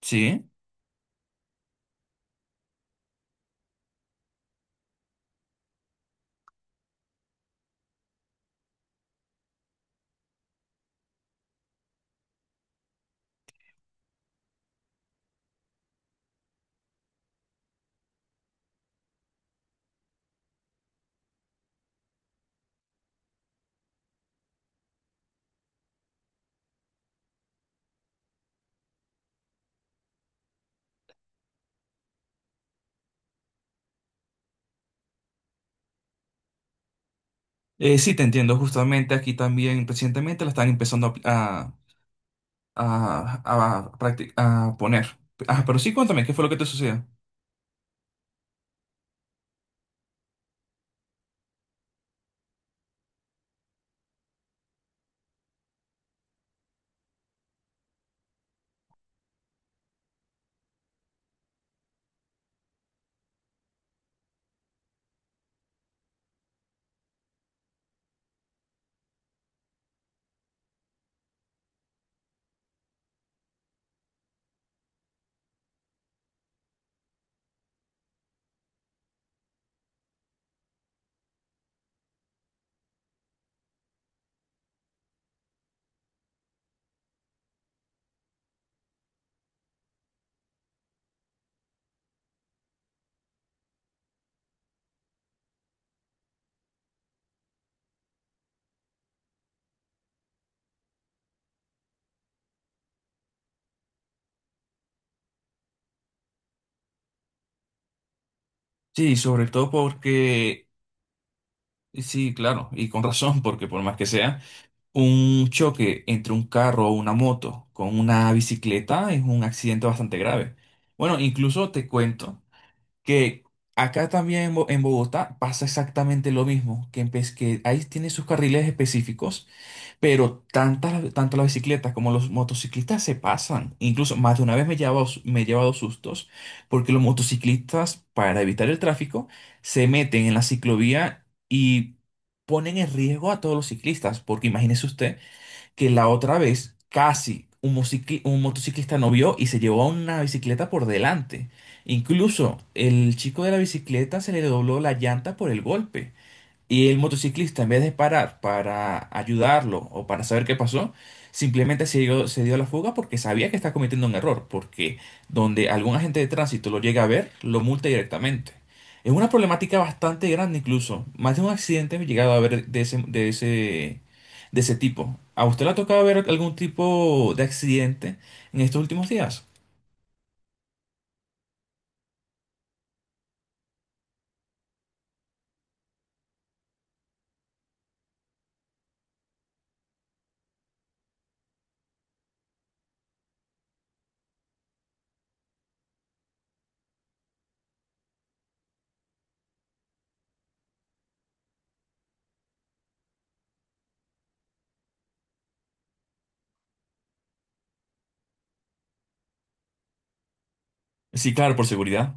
Sí. Sí, te entiendo. Justamente aquí también recientemente la están empezando a poner. Ah, pero sí, cuéntame, ¿qué fue lo que te sucedió? Sí, sobre todo porque, sí, claro, y con razón, porque por más que sea, un choque entre un carro o una moto con una bicicleta es un accidente bastante grave. Bueno, incluso te cuento que acá también en en Bogotá pasa exactamente lo mismo, que, que ahí tiene sus carriles específicos. Pero tanto las bicicletas como los motociclistas se pasan. Incluso más de una vez me he llevado sustos porque los motociclistas, para evitar el tráfico, se meten en la ciclovía y ponen en riesgo a todos los ciclistas. Porque imagínese usted que la otra vez casi un, un motociclista no vio y se llevó a una bicicleta por delante. Incluso el chico de la bicicleta se le dobló la llanta por el golpe. Y el motociclista, en vez de parar para ayudarlo o para saber qué pasó, simplemente se dio a la fuga porque sabía que estaba cometiendo un error, porque donde algún agente de tránsito lo llega a ver, lo multa directamente. Es una problemática bastante grande incluso. Más de un accidente me he llegado a ver de ese tipo. ¿A usted le ha tocado ver algún tipo de accidente en estos últimos días? Sí, claro, por seguridad.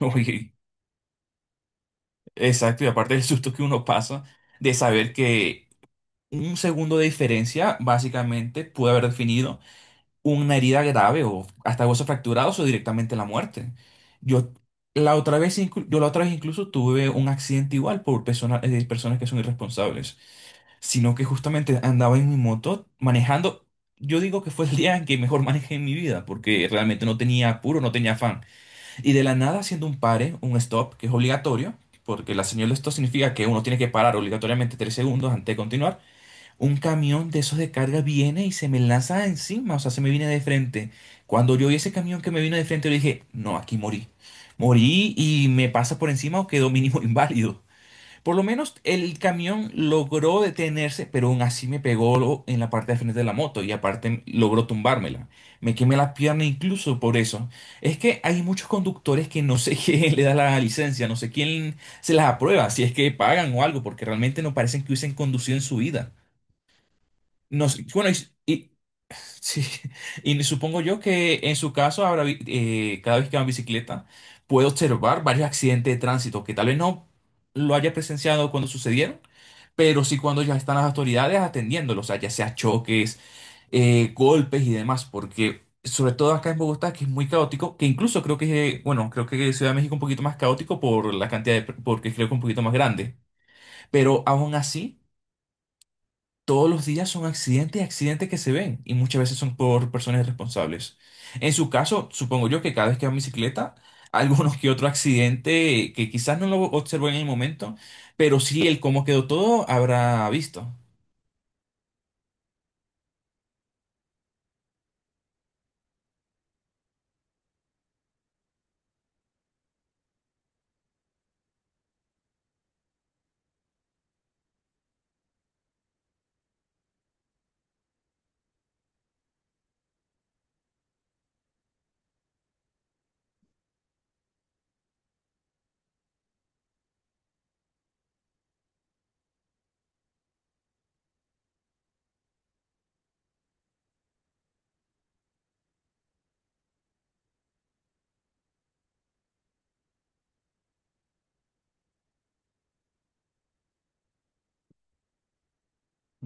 Uy, exacto, y aparte del susto que uno pasa de saber que un segundo de diferencia, básicamente, puede haber definido una herida grave o hasta huesos fracturados o directamente la muerte. Yo la otra vez, inclu- yo la otra vez incluso tuve un accidente igual por personas, personas que son irresponsables, sino que justamente andaba en mi moto manejando. Yo digo que fue el día en que mejor manejé en mi vida, porque realmente no tenía apuro, no tenía afán. Y de la nada haciendo un pare, un stop, que es obligatorio, porque la señal de stop significa que uno tiene que parar obligatoriamente tres segundos antes de continuar. Un camión de esos de carga viene y se me lanza encima, o sea, se me viene de frente. Cuando yo vi ese camión que me vino de frente, yo dije, no, aquí morí. Morí y me pasa por encima o quedó mínimo inválido. Por lo menos el camión logró detenerse, pero aún así me pegó en la parte de frente de la moto y aparte logró tumbármela. Me quemé la pierna incluso por eso. Es que hay muchos conductores que no sé quién le da la licencia, no sé quién se las aprueba, si es que pagan o algo, porque realmente no parecen que hubiesen conducido en su vida. No sé, bueno, y sí, y supongo yo que en su caso, habrá, cada vez que va en bicicleta, puede observar varios accidentes de tránsito que tal vez no lo haya presenciado cuando sucedieron, pero sí cuando ya están las autoridades atendiéndolos, o sea, ya sea choques, golpes y demás, porque sobre todo acá en Bogotá, que es muy caótico, que incluso creo que, es, bueno, creo que Ciudad de México un poquito más caótico por la cantidad de, porque creo que es un poquito más grande, pero aún así. Todos los días son accidentes y accidentes que se ven y muchas veces son por personas irresponsables. En su caso, supongo yo que cada vez que va en bicicleta, algunos que otro accidente que quizás no lo observó en el momento, pero sí el cómo quedó todo habrá visto.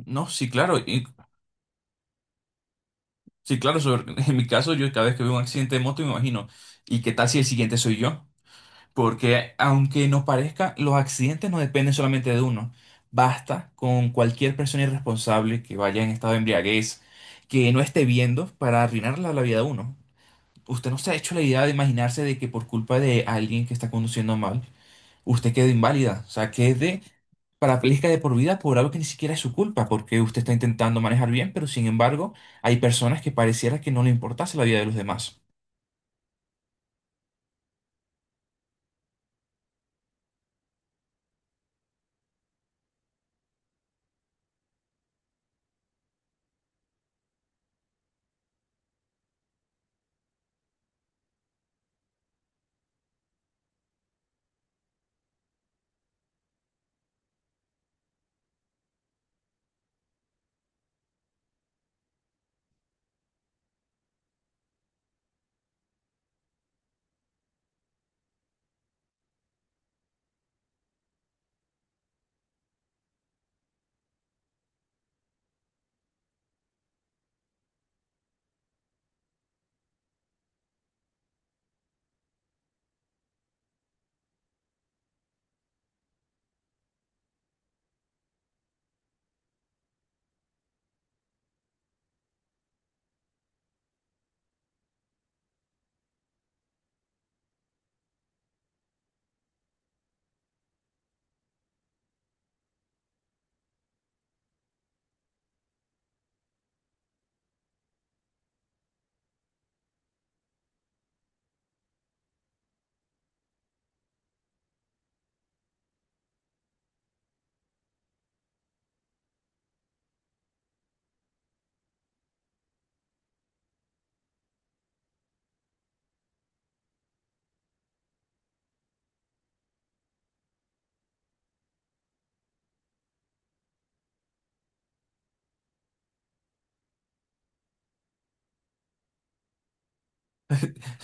No, sí, claro. Sí, claro, en mi caso, yo cada vez que veo un accidente de moto me imagino, ¿y qué tal si el siguiente soy yo? Porque aunque no parezca, los accidentes no dependen solamente de uno. Basta con cualquier persona irresponsable que vaya en estado de embriaguez, que no esté viendo para arruinar la vida de uno. Usted no se ha hecho la idea de imaginarse de que por culpa de alguien que está conduciendo mal, usted quede inválida. O sea, quede parapléjica de por vida por algo que ni siquiera es su culpa, porque usted está intentando manejar bien, pero sin embargo, hay personas que pareciera que no le importase la vida de los demás.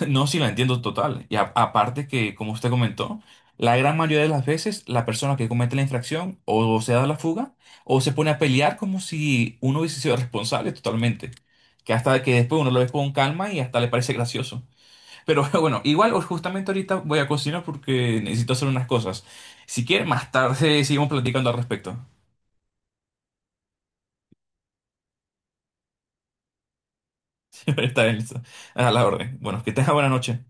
No, sí, la entiendo total. Y aparte que, como usted comentó, la gran mayoría de las veces la persona que comete la infracción o se da la fuga o se pone a pelear como si uno hubiese sido responsable totalmente. Que hasta que después uno lo ve con calma y hasta le parece gracioso. Pero bueno, igual justamente ahorita voy a cocinar porque necesito hacer unas cosas. Si quiere, más tarde seguimos platicando al respecto. Siempre está a la orden. Bueno, que tenga buena noche.